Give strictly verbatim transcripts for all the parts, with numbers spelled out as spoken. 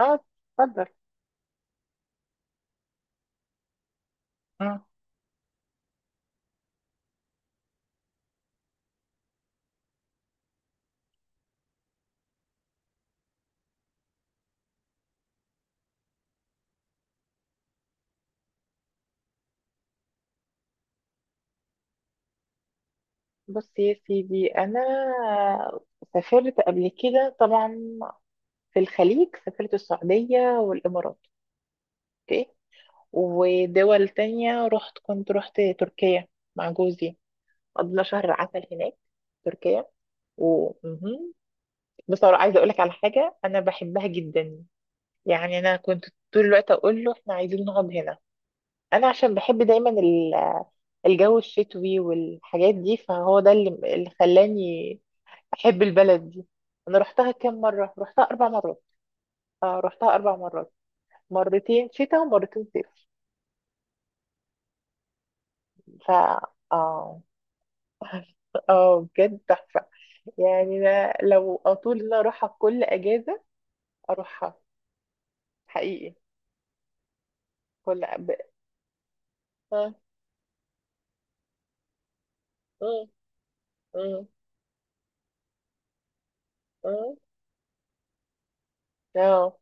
اه، اتفضل. اه بص يا سيدي، انا سافرت قبل كده طبعا. في الخليج سافرت السعودية والامارات. اوكي. ودول تانية رحت، كنت رحت تركيا مع جوزي، قضينا شهر عسل هناك في تركيا و... مهم. بصراحة عايزة أقولك على حاجة أنا بحبها جدا. يعني أنا كنت طول الوقت أقول له إحنا عايزين نقعد هنا، أنا عشان بحب دايما ال- الجو الشتوي والحاجات دي، فهو ده اللي اللي خلاني بحب البلد دي. انا رحتها كام مره؟ رحتها اربع مرات. آه، رحتها اربع مرات، مرتين شتاء ومرتين صيف. ف اه اه، بجد تحفه. يعني أنا لو اطول ان أنا اروحها كل اجازه اروحها، حقيقي كل ب... اه، اه، اه، اه، آه.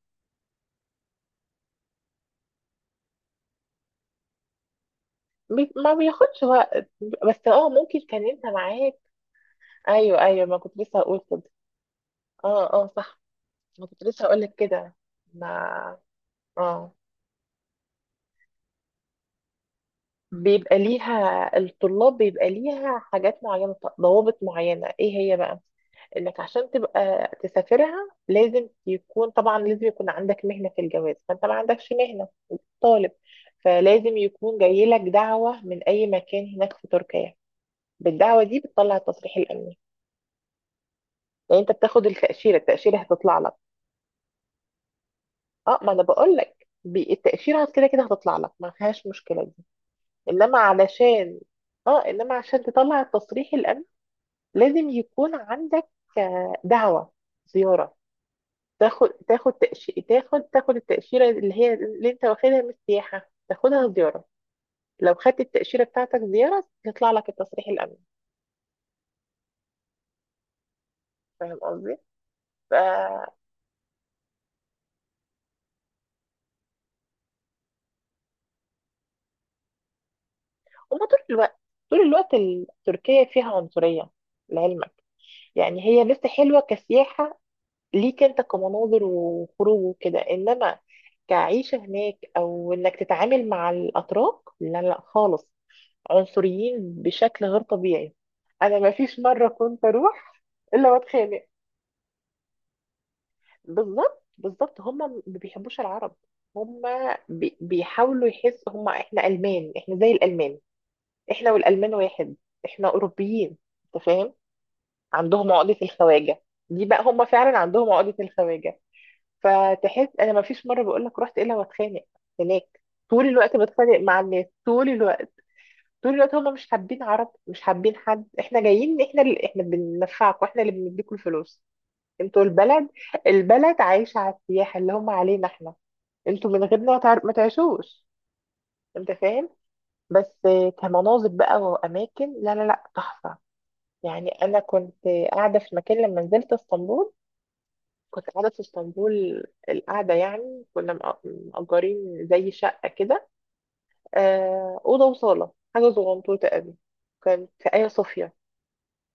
بي- ما بياخدش وقت، بس اه ممكن كان انت معاك. ايوه ايوه، ما كنت لسه هقول كده. اه اه، صح، ما كنت لسه هقول لك كده. ما اه، بيبقى ليها الطلاب، بيبقى ليها حاجات معينة، ضوابط معينة. ايه هي بقى؟ انك عشان تبقى تسافرها لازم يكون، طبعا لازم يكون عندك مهنة في الجواز، فانت ما عندكش مهنة، طالب، فلازم يكون جاي لك دعوة من اي مكان هناك في تركيا. بالدعوة دي بتطلع التصريح الامني. يعني انت بتاخد التأشيرة، التأشيرة هتطلع لك. اه، ما انا بقول لك، بي- التأشيرة كده كده هتطلع لك، ما فيهاش مشكلة دي. انما علشان، اه انما عشان تطلع التصريح الامني لازم يكون عندك آه، دعوة زيارة. تاخد تاخد تأش... تاخد تاخد التأشيرة اللي هي اللي انت واخدها من السياحة تاخدها زيارة. لو خدت التأشيرة بتاعتك زيارة يطلع لك التصريح الأمني. فاهم قصدي؟ ف... هما طول الوقت، طول الوقت ال- تركيا فيها عنصرية، لعلمك. يعني هي لسه حلوة كسياحة ليك انت، كمناظر وخروج وكده، انما كعيشة هناك او انك تتعامل مع الاتراك، لا لا خالص، عنصريين بشكل غير طبيعي. انا ما فيش مره كنت اروح الا واتخانق. بالظبط بالظبط، هم ما بيحبوش العرب. هم بي- بيحاولوا يحسوا هم احنا المان، احنا زي الالمان، احنا والالمان واحد، احنا اوروبيين، انت فاهم، عندهم عقده الخواجه دي. بقى هم فعلا عندهم عقده الخواجه. فتحس، انا ما فيش مره بقول لك رحت الا واتخانق هناك. طول الوقت بتخانق مع الناس، طول الوقت، طول الوقت. هم مش حابين عرب، مش حابين حد. احنا جايين، احنا اللي احنا بننفعكم، احنا اللي بنديكم الفلوس. انتوا البلد، البلد عايشة على السياحة اللي هم علينا احنا. انتوا من غيرنا ما تعر- ما تعيشوش، انت فاهم. بس آه، كمناظر بقى واماكن، لا لا لا تحفة. يعني انا كنت قاعدة في مكان لما نزلت اسطنبول، كنت قاعدة في اسطنبول، القعدة يعني كنا مأ- مأجرين زي شقة كده، آه، أوضة وصالة، حاجة صغنطوطة قوي، كانت في آيا صوفيا.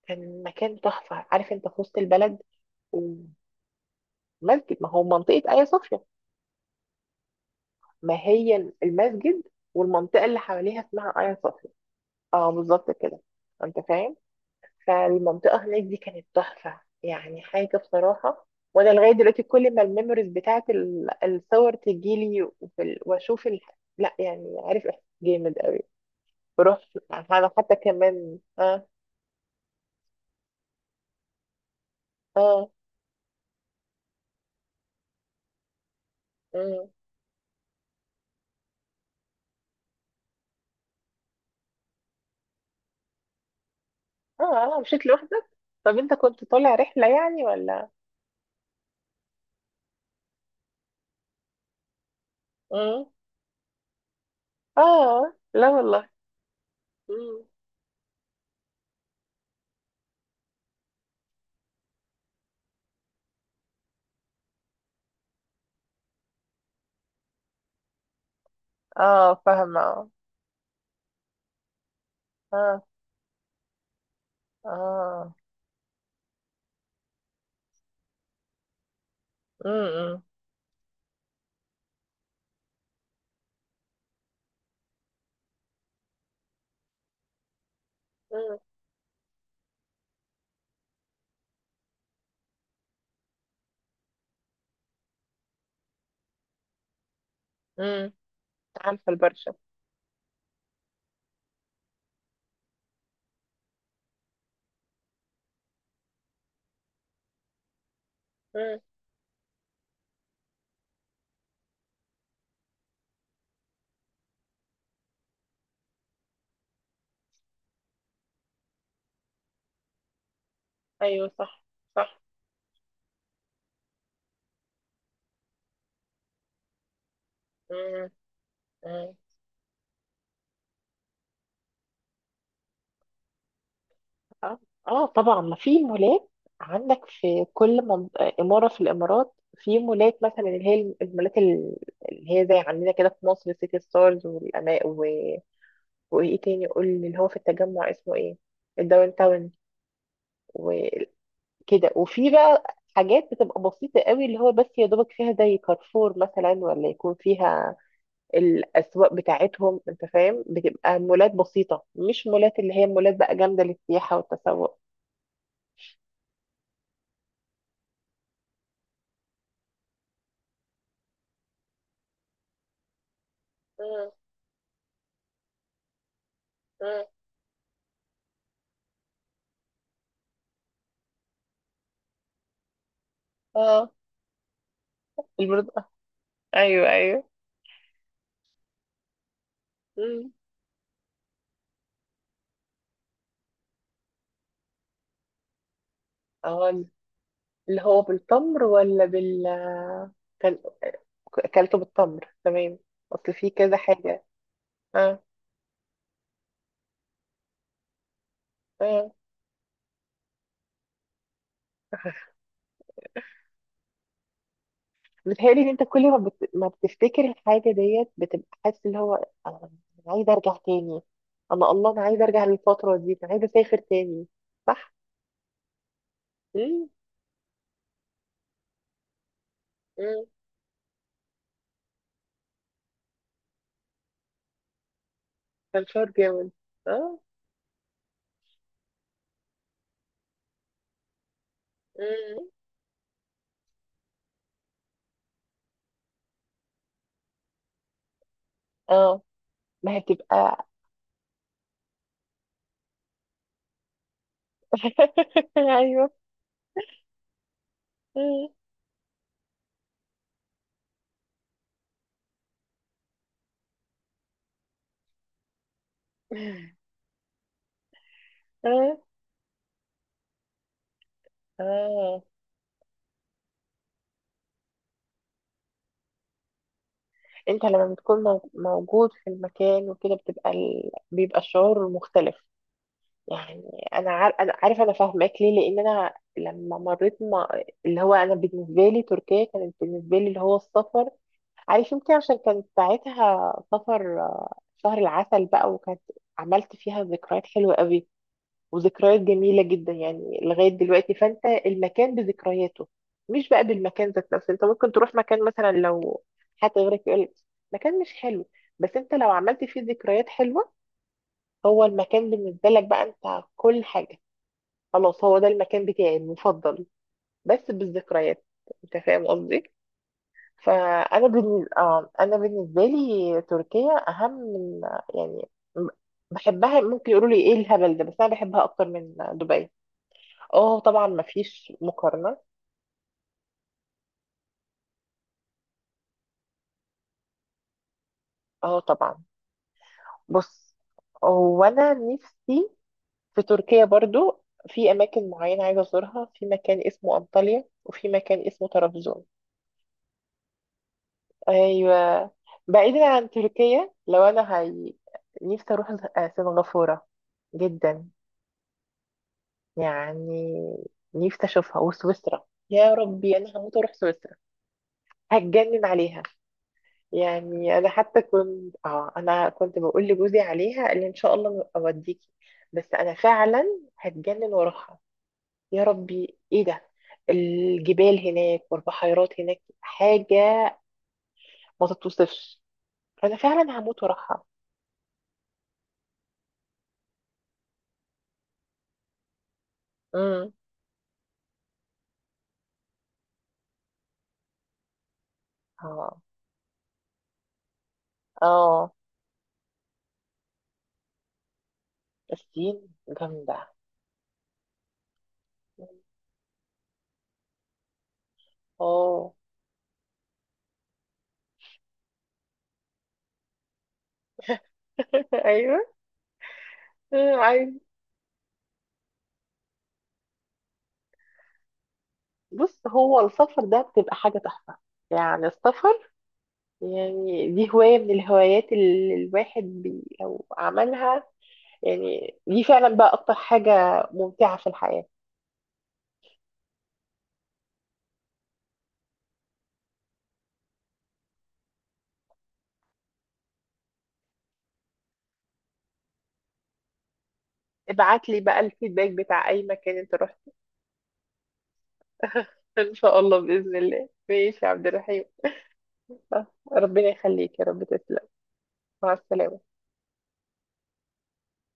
كان مكان تحفة، عارف انت، في وسط البلد. ومسجد، ما هو منطقة آيا صوفيا. ما هي المسجد والمنطقة اللي حواليها اسمها آيا صوفيا. اه بالظبط كده، انت فاهم. فالمنطقة هناك دي كانت تحفة، يعني حاجة بصراحة. وانا لغاية دلوقتي كل ما الميموريز بتاعت ال- الصور تجيلي، وفي ال- واشوف ال... لا يعني عارف، احساس جامد قوي. بروح يعني، انا حتى كمان اه. اه، اه، اه, آه، مشيت لوحدك، طب انت كنت طالع رحلة يعني ولا؟ مم. اه لا والله. مم. اه، فاهمة اه. اه، اه، امم، مم، امم. عارفة البرشا. مم. ايوه، صح، صح. مم. مم. اه، آه، طبعا ما في مولات عندك في كل منط... آه، اماره في الامارات في مولات، مثلا اللي هي المولات ال- اللي هي زي عندنا كده في مصر، سيتي ستارز والأما و... وايه تاني؟ قول لي اللي هو في التجمع، اسمه ايه؟ الداون تاون. كده، وفي بقى حاجات بتبقى بسيطة قوي، اللي هو بس يا دوبك فيها زي كارفور مثلا، ولا يكون فيها الأسواق بتاعتهم، انت فاهم، بتبقى مولات بسيطة، مش مولات اللي هي مولات بقى جامدة للسياحة والتسوق. مم، مم. اه، البرد آه، ايوه ايوه. مم. اه، اللي هو بالتمر ولا بال- كان اكلته بالتمر، تمام. اصل في كذا حاجة. اه، آه. بتهيألي ان انت كل ما بت... ما بتفتكر الحاجه ديت بتبقى حاسس اللي هو، انا أنا عايزه ارجع تاني. انا الله، انا عايزه ارجع للفتره دي، انا عايزه اسافر تاني. صح. امم، امم. كان شعور جامد. اه، امم. اه، ما هي بتبقى. ايوه. مم. اه، اه، انت لما بتكون مو- موجود في المكان وكده بتبقى ال... بيبقى الشعور مختلف، يعني. انا عار... انا عارف، انا فاهماك ليه، لان انا لما مريت ما... اللي هو انا بالنسبه لي تركيا كانت بالنسبه لي اللي هو السفر، عارف، يمكن عشان كانت ساعتها سفر آه، شهر العسل بقى، وكانت عملت فيها ذكريات حلوه قوي، وذكريات جميله جدا يعني لغايه دلوقتي، فانت المكان بذكرياته مش بقى بالمكان ذات نفسه. انت ممكن تروح مكان، مثلا لو حد غيرك يقول لك مكان مش حلو، بس انت لو عملت فيه ذكريات حلوه، هو المكان بالنسبه لك بقى انت كل حاجه، خلاص هو ده المكان بتاعي المفضل، بس بالذكريات، انت فاهم قصدي. فانا بالنسبة آه، انا بالنسبه لي تركيا اهم من، يعني، م- بحبها، ممكن يقولوا لي ايه الهبل ده، بس انا بحبها اكتر من دبي. اه طبعا ما فيش مقارنه. اه طبعا. بص، هو انا نفسي في تركيا برضو في اماكن معينه عايزه ازورها، في مكان اسمه انطاليا وفي مكان اسمه طرابزون. ايوه. بعيدا عن تركيا، لو انا هي نفسي اروح ال- سنغافوره جدا. يعني نفسي اشوفها. وسويسرا، يا ربي، انا هموت واروح سويسرا، هتجنن عليها. يعني انا حتى كنت اه، انا كنت بقول لجوزي عليها، قال لي ان شاء الله اوديكي. بس انا فعلا هتجنن واروحها. يا ربي ايه ده، الجبال هناك والبحيرات هناك، حاجه ما تتوصفش. انا فعلا هموت واروحها. امم. اه، اه. الصين جامدة. اه. ايوه. عايز. بص، هو السفر ده بتبقى حاجة تحفة. يعني السفر، يعني دي هواية من الهوايات اللي الواحد بي لو عملها، يعني دي فعلا بقى أكتر حاجة ممتعة في الحياة. ابعت لي بقى الفيدباك بتاع أي مكان أنت رحت. إن شاء الله، بإذن الله، ماشي يا عبد الرحيم. ربنا يخليك يا رب، تسلم. مع السلامة.